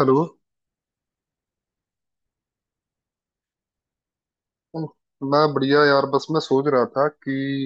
Hello. मैं बढ़िया यार। बस मैं सोच रहा था कि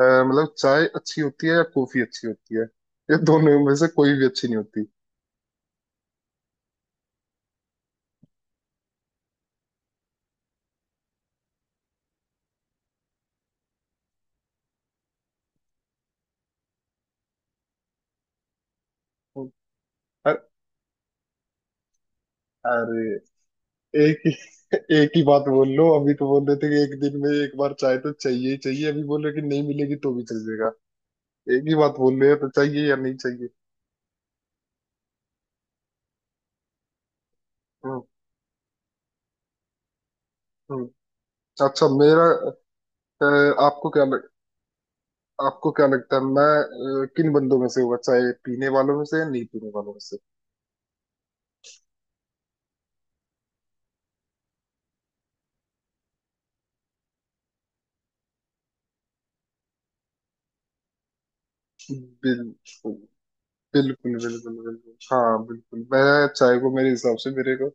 चाय अच्छी होती है या कॉफी अच्छी होती है। ये दोनों में से कोई भी अच्छी नहीं होती। अ- अरे एक ही एक ही बात बोल लो। अभी तो बोल रहे थे कि 1 दिन में 1 बार चाय तो चाहिए ही चाहिए, अभी बोल रहे कि नहीं मिलेगी तो भी चल जाएगा। एक ही बात बोल रहे हैं तो चाहिए या नहीं चाहिए? हम्म हम्म। अच्छा। अ, आपको क्या लग, आपको क्या लगता है मैं किन बंदों में से होगा? चाय पीने वालों में से या नहीं पीने वालों में से? बिल्कुल बिल्कुल बिल्कुल बिल्कुल हाँ बिल्कुल। मैं चाय को मेरे हिसाब से मेरे को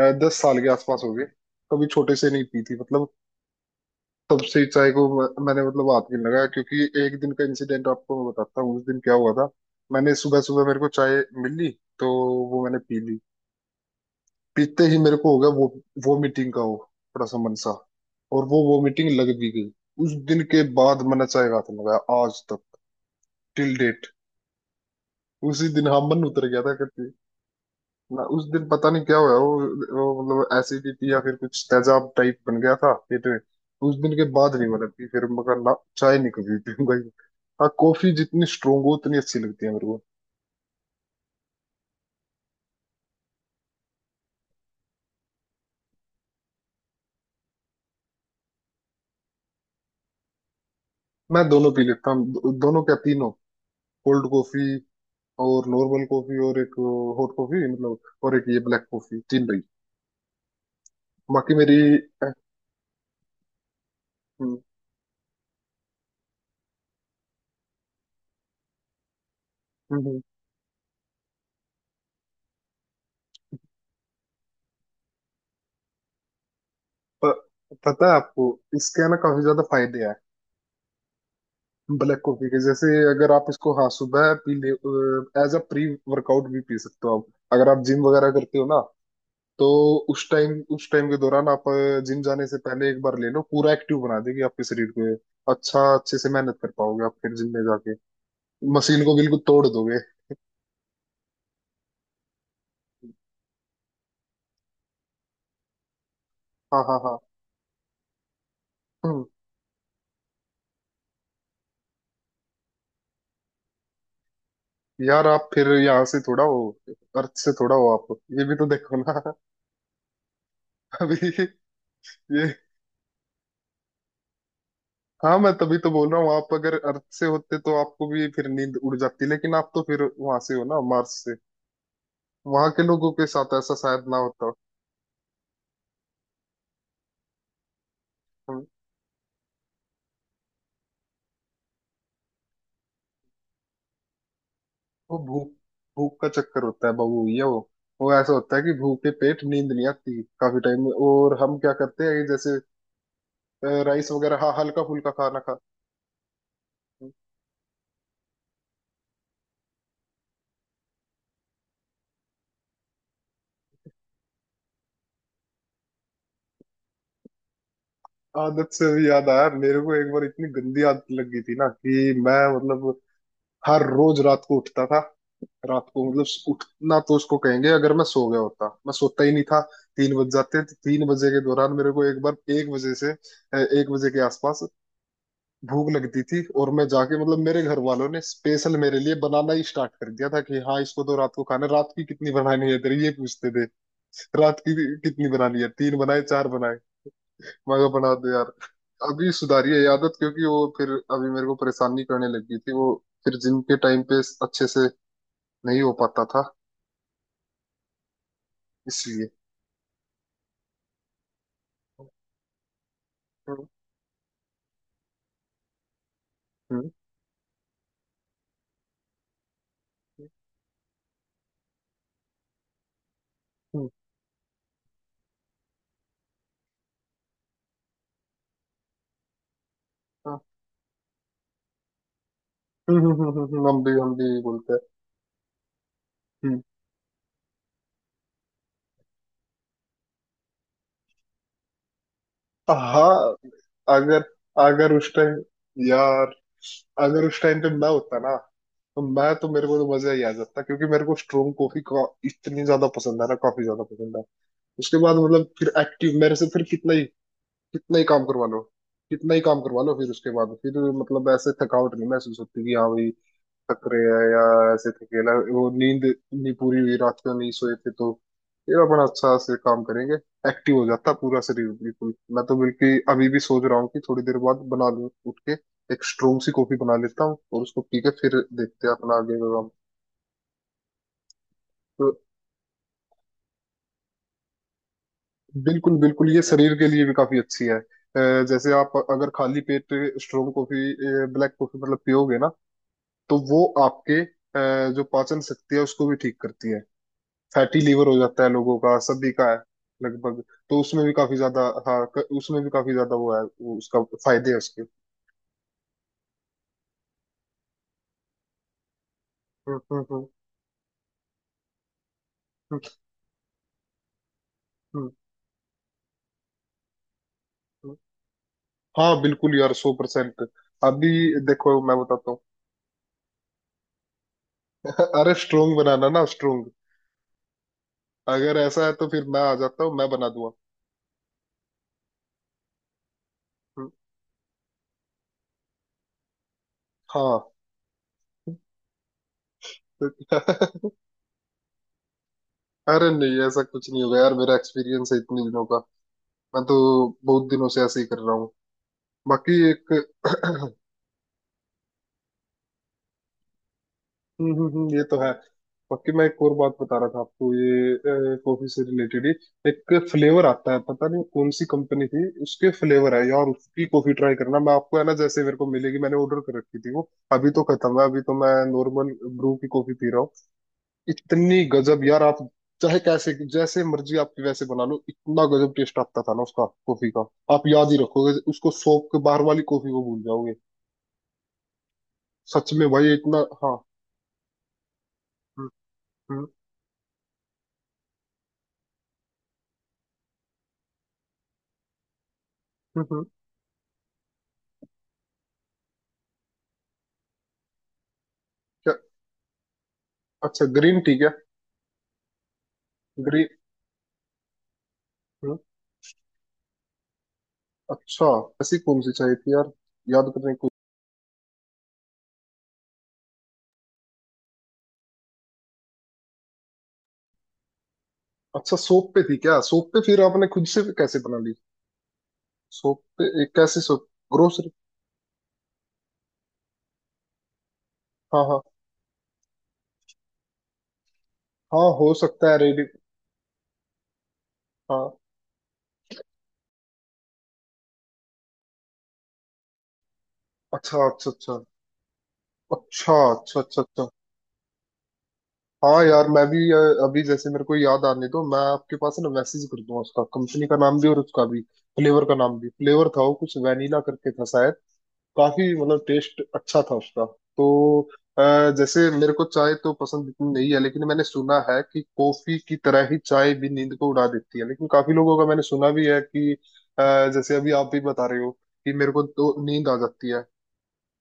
अ, 10 साल के आसपास हो गए। कभी छोटे से नहीं पी थी मतलब। तब से ही चाय को मैंने मतलब हाथ नहीं लगाया, क्योंकि एक दिन का इंसिडेंट आपको मैं बताता हूँ उस दिन क्या हुआ था। मैंने सुबह सुबह, मेरे को चाय मिली, तो वो मैंने पी ली। पीते ही मेरे को हो गया वो मीटिंग का, हो थोड़ा सा मन सा, और वो मीटिंग लग भी गई। उस दिन के बाद मैंने चाय का हाथ नहीं लगाया आज तक, टिल डेट। उसी दिन हाँ, मन उतर गया था। मैं उस दिन पता नहीं क्या हुआ, वो मतलब एसिडिटी या फिर कुछ तेजाब टाइप बन गया था पेट में। उस दिन के बाद नहीं मैंने पी, फिर मैं कहा ना चाय नहीं कभी पीऊंगा ये। हाँ कॉफी जितनी स्ट्रोंग हो उतनी अच्छी लगती है मेरे को। मैं दोनों पी लेता हूँ। दोनों क्या, तीनों। कोल्ड कॉफी और नॉर्मल कॉफी और एक हॉट कॉफी, मतलब और एक ये ब्लैक कॉफी, तीन भाई। बाकी मेरी अ, हम्म, हम्म, प- पता है आपको, इसके है ना काफी ज्यादा फायदे हैं, ब्लैक कॉफी के। जैसे अगर आप इसको हाँ सुबह पी ले, एज अ प्री वर्कआउट भी पी सकते हो आप, अगर आप जिम वगैरह करते हो ना। तो उस टाइम, उस टाइम के दौरान आप जिम जाने से पहले एक बार ले लो, पूरा एक्टिव बना देगी आपके शरीर को ये। अच्छा अच्छे से मेहनत कर पाओगे आप फिर, जिम में जाके मशीन को बिल्कुल तोड़ दोगे। हाँ हाँ हाँ। हम्म, यार आप फिर यहाँ से थोड़ा हो, अर्थ से थोड़ा हो आप, ये भी तो देखो ना। अभी ये, हाँ मैं तभी तो बोल रहा हूँ, आप अगर अर्थ से होते तो आपको भी फिर नींद उड़ जाती, लेकिन आप तो फिर वहां से हो ना, मार्स से, वहां के लोगों के साथ ऐसा शायद ना होता हो। हम- वो भूख, भूख का चक्कर होता है बबू ये। वो ऐसा होता है कि भूखे पेट नींद नहीं आती काफी टाइम में, और हम क्या करते हैं कि जैसे राइस वगैरह, हाँ हल्का फुल्का खाना खाते हैं। आदत से भी याद आया मेरे को, एक बार इतनी गंदी आदत लग गई थी ना कि मैं मतलब हर रोज रात को उठता था। रात को मतलब, उठना तो उसको कहेंगे अगर मैं सो गया होता, मैं सोता ही नहीं था। 3 बज जाते, तो 3 बजे के दौरान मेरे को, एक बार 1 बजे से 1 बजे के आसपास भूख लगती थी, और मैं जाके मतलब, मेरे घर वालों ने स्पेशल मेरे लिए बनाना ही स्टार्ट कर दिया था कि हाँ, इसको तो रात को खाना है। रात की कितनी बनानी है तेरी, ये पूछते थे। रात की कितनी बनानी है, तीन बनाए चार बनाए मगर बना दो यार। अभी सुधारी है ये आदत, क्योंकि वो फिर अभी मेरे को परेशानी करने लगी थी वो, फिर जिम के टाइम पे अच्छे से नहीं हो पाता था इसलिए। हम्म हम्म हम्म, हाँ। हम भी, हम भी यही बोलते हैं। हम्म, हाँ। अगर अगर उस टाइम, यार अगर उस टाइम पे मैं होता ना, तो मैं तो, मेरे को तो मजा ही आ जाता, क्योंकि मेरे को स्ट्रोंग कॉफी का इतनी ज्यादा पसंद है ना, काफी ज्यादा पसंद है। उसके बाद मतलब फिर एक्टिव, मेरे से फिर कितना ही काम करवा लो, कितना ही काम करवा लो, फिर उसके बाद फिर मतलब ऐसे थकावट नहीं महसूस होती कि हाँ भाई थक रहे हैं, या ऐसे थके ना वो नींद नहीं पूरी हुई रात को नहीं सोए थे तो। फिर अपन अच्छा से काम करेंगे, एक्टिव हो जाता पूरा शरीर बिल्कुल। मैं तो बिल्कुल अभी भी सोच रहा हूँ कि थोड़ी देर बाद बना लूं, उठ के एक स्ट्रोंग सी कॉफी बना लेता हूँ, और उसको पी के फिर देखते हैं अपना आगे का काम। तो बिल्कुल बिल्कुल, ये शरीर के लिए भी काफी अच्छी है। जैसे आप अगर खाली पेट स्ट्रोंग कॉफी, ब्लैक कॉफी मतलब पियोगे ना, तो वो आपके जो पाचन शक्ति है उसको भी ठीक करती है। फैटी लीवर हो जाता है लोगों का, सभी का है लगभग, तो उसमें भी काफी ज्यादा, हाँ उसमें भी काफी ज्यादा वो है, वो उसका फायदे है उसके। हम्म हम्म हम्म हम्म, हम्म, हम्म। हाँ बिल्कुल यार, 100%। अभी देखो मैं बताता हूँ। अरे स्ट्रोंग बनाना ना, स्ट्रोंग। अगर ऐसा है तो फिर मैं आ जाता हूँ, मैं बना दूंगा। हम्म, हाँ। अरे नहीं ऐसा कुछ नहीं होगा यार, मेरा एक्सपीरियंस है इतने दिनों का, मैं तो बहुत दिनों से ऐसे ही कर रहा हूँ। बाकी एक ये तो है। बाकी मैं एक और बात बता रहा था आपको, ये कॉफी से रिलेटेड ही एक फ्लेवर आता है, पता नहीं कौन सी कंपनी थी उसके, फ्लेवर है यार उसकी, कॉफी ट्राई करना मैं आपको है ना, जैसे मेरे को मिलेगी। मैंने ऑर्डर कर रखी थी वो, अभी तो खत्म है, अभी तो मैं नॉर्मल ब्रू की कॉफी पी रहा हूँ। इतनी गजब यार आप चाहे कैसे, जैसे मर्जी आपकी वैसे बना लो, इतना गजब टेस्ट आता था ना उसका कॉफी का। आप याद ही रखोगे उसको, सौंफ के बाहर वाली कॉफी को भूल जाओगे। सच में भाई इतना, हाँ। हम्म, हम्म। हम्म हम्म, क्या। अच्छा ग्रीन टी क्या? ग्रीन, अच्छा। ऐसी कौन सी चाय थी यार, याद करने को। अच्छा सोप पे थी क्या? सोप पे फिर आपने खुद से कैसे बना ली? सोप पे, एक कैसी सोप, ग्रोसरी? हाँ हाँ हाँ, हो सकता है रेडी। हाँ अच्छा अच्छा अच्छा, अच्छा अच्छा अच्छा अच्छा। हाँ यार मैं भी अभी, जैसे मेरे को याद आने दो, मैं आपके पास ना मैसेज कर दूंगा उसका कंपनी का नाम भी और उसका भी फ्लेवर का नाम भी। फ्लेवर था वो कुछ वैनिला करके था, काफी मतलब टेस्ट अच्छा था उसका तो। अ, जैसे मेरे को चाय तो पसंद इतनी नहीं है, लेकिन मैंने सुना है कि कॉफी की तरह ही चाय भी नींद को उड़ा देती है। लेकिन काफी लोगों का मैंने सुना भी है कि जैसे अभी आप भी बता रहे हो कि मेरे को तो नींद आ जाती है।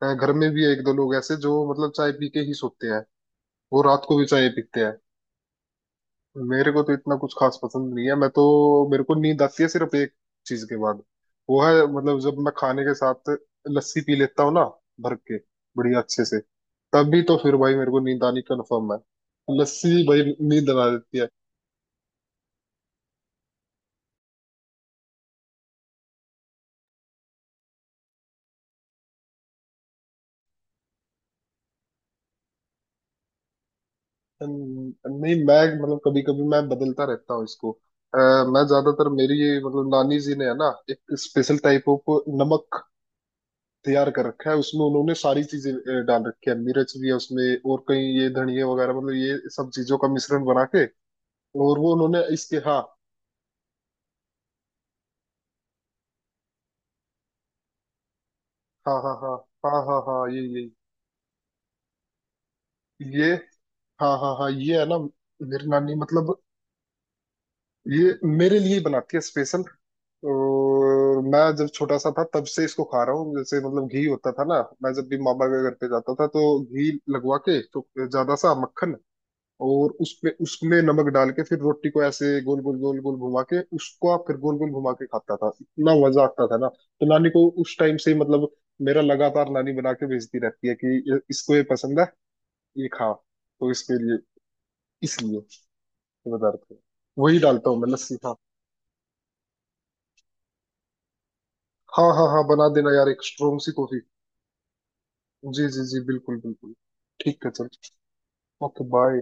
घर में भी एक दो लोग ऐसे जो मतलब चाय पी के ही सोते हैं, वो रात को भी चाय पीते हैं। मेरे को तो इतना कुछ खास पसंद नहीं है, मैं तो, मेरे को नींद आती है सिर्फ एक चीज के बाद, वो है मतलब जब मैं खाने के साथ लस्सी पी लेता हूँ ना, भर के, बढ़िया अच्छे से, तभी तो फिर भाई मेरे को नींद आनी कन्फर्म है। लस्सी भाई नींद ला देती है। न- नहीं मैं मतलब, कभी कभी मैं बदलता रहता हूँ इसको। अ, मैं ज्यादातर, मेरी ये मतलब नानी जी ने है ना एक स्पेशल टाइप ऑफ नमक तैयार कर रखा है, उसमें उन्होंने सारी चीजें डाल रखी है। मिर्च भी है उसमें, और कहीं ये धनिया वगैरह, मतलब ये सब चीजों का मिश्रण बना के, और वो उन्होंने इसके, हाँ। हाँ हाँ हाँ हाँ हाँ हाँ ये हाँ हाँ हाँ ये है ना, मेरी नानी मतलब ये मेरे लिए ही बनाती है स्पेशल। और मैं जब छोटा सा था तब से इसको खा रहा हूँ। जैसे मतलब घी होता था ना, मैं जब भी मामा के घर पे जाता था तो घी लगवा के, तो ज्यादा सा मक्खन, और उस पे उसमें नमक डाल के फिर रोटी को ऐसे गोल गोल गोल गोल घुमा के, उसको आप फिर गोल गोल घुमा के खाता था, इतना मजा आता था ना। तो नानी को उस टाइम से ही मतलब मेरा, लगातार नानी बना के भेजती रहती है कि इसको ये पसंद है, ये खा, तो इसके लिए, इसलिए ये बता रहा था। वही डालता हूँ मैं लस्सी, हाँ। हाँ हाँ हाँ, बना देना यार एक स्ट्रोंग सी कॉफी। जी जी जी बिल्कुल बिल्कुल। ठीक है चल, ओके बाय।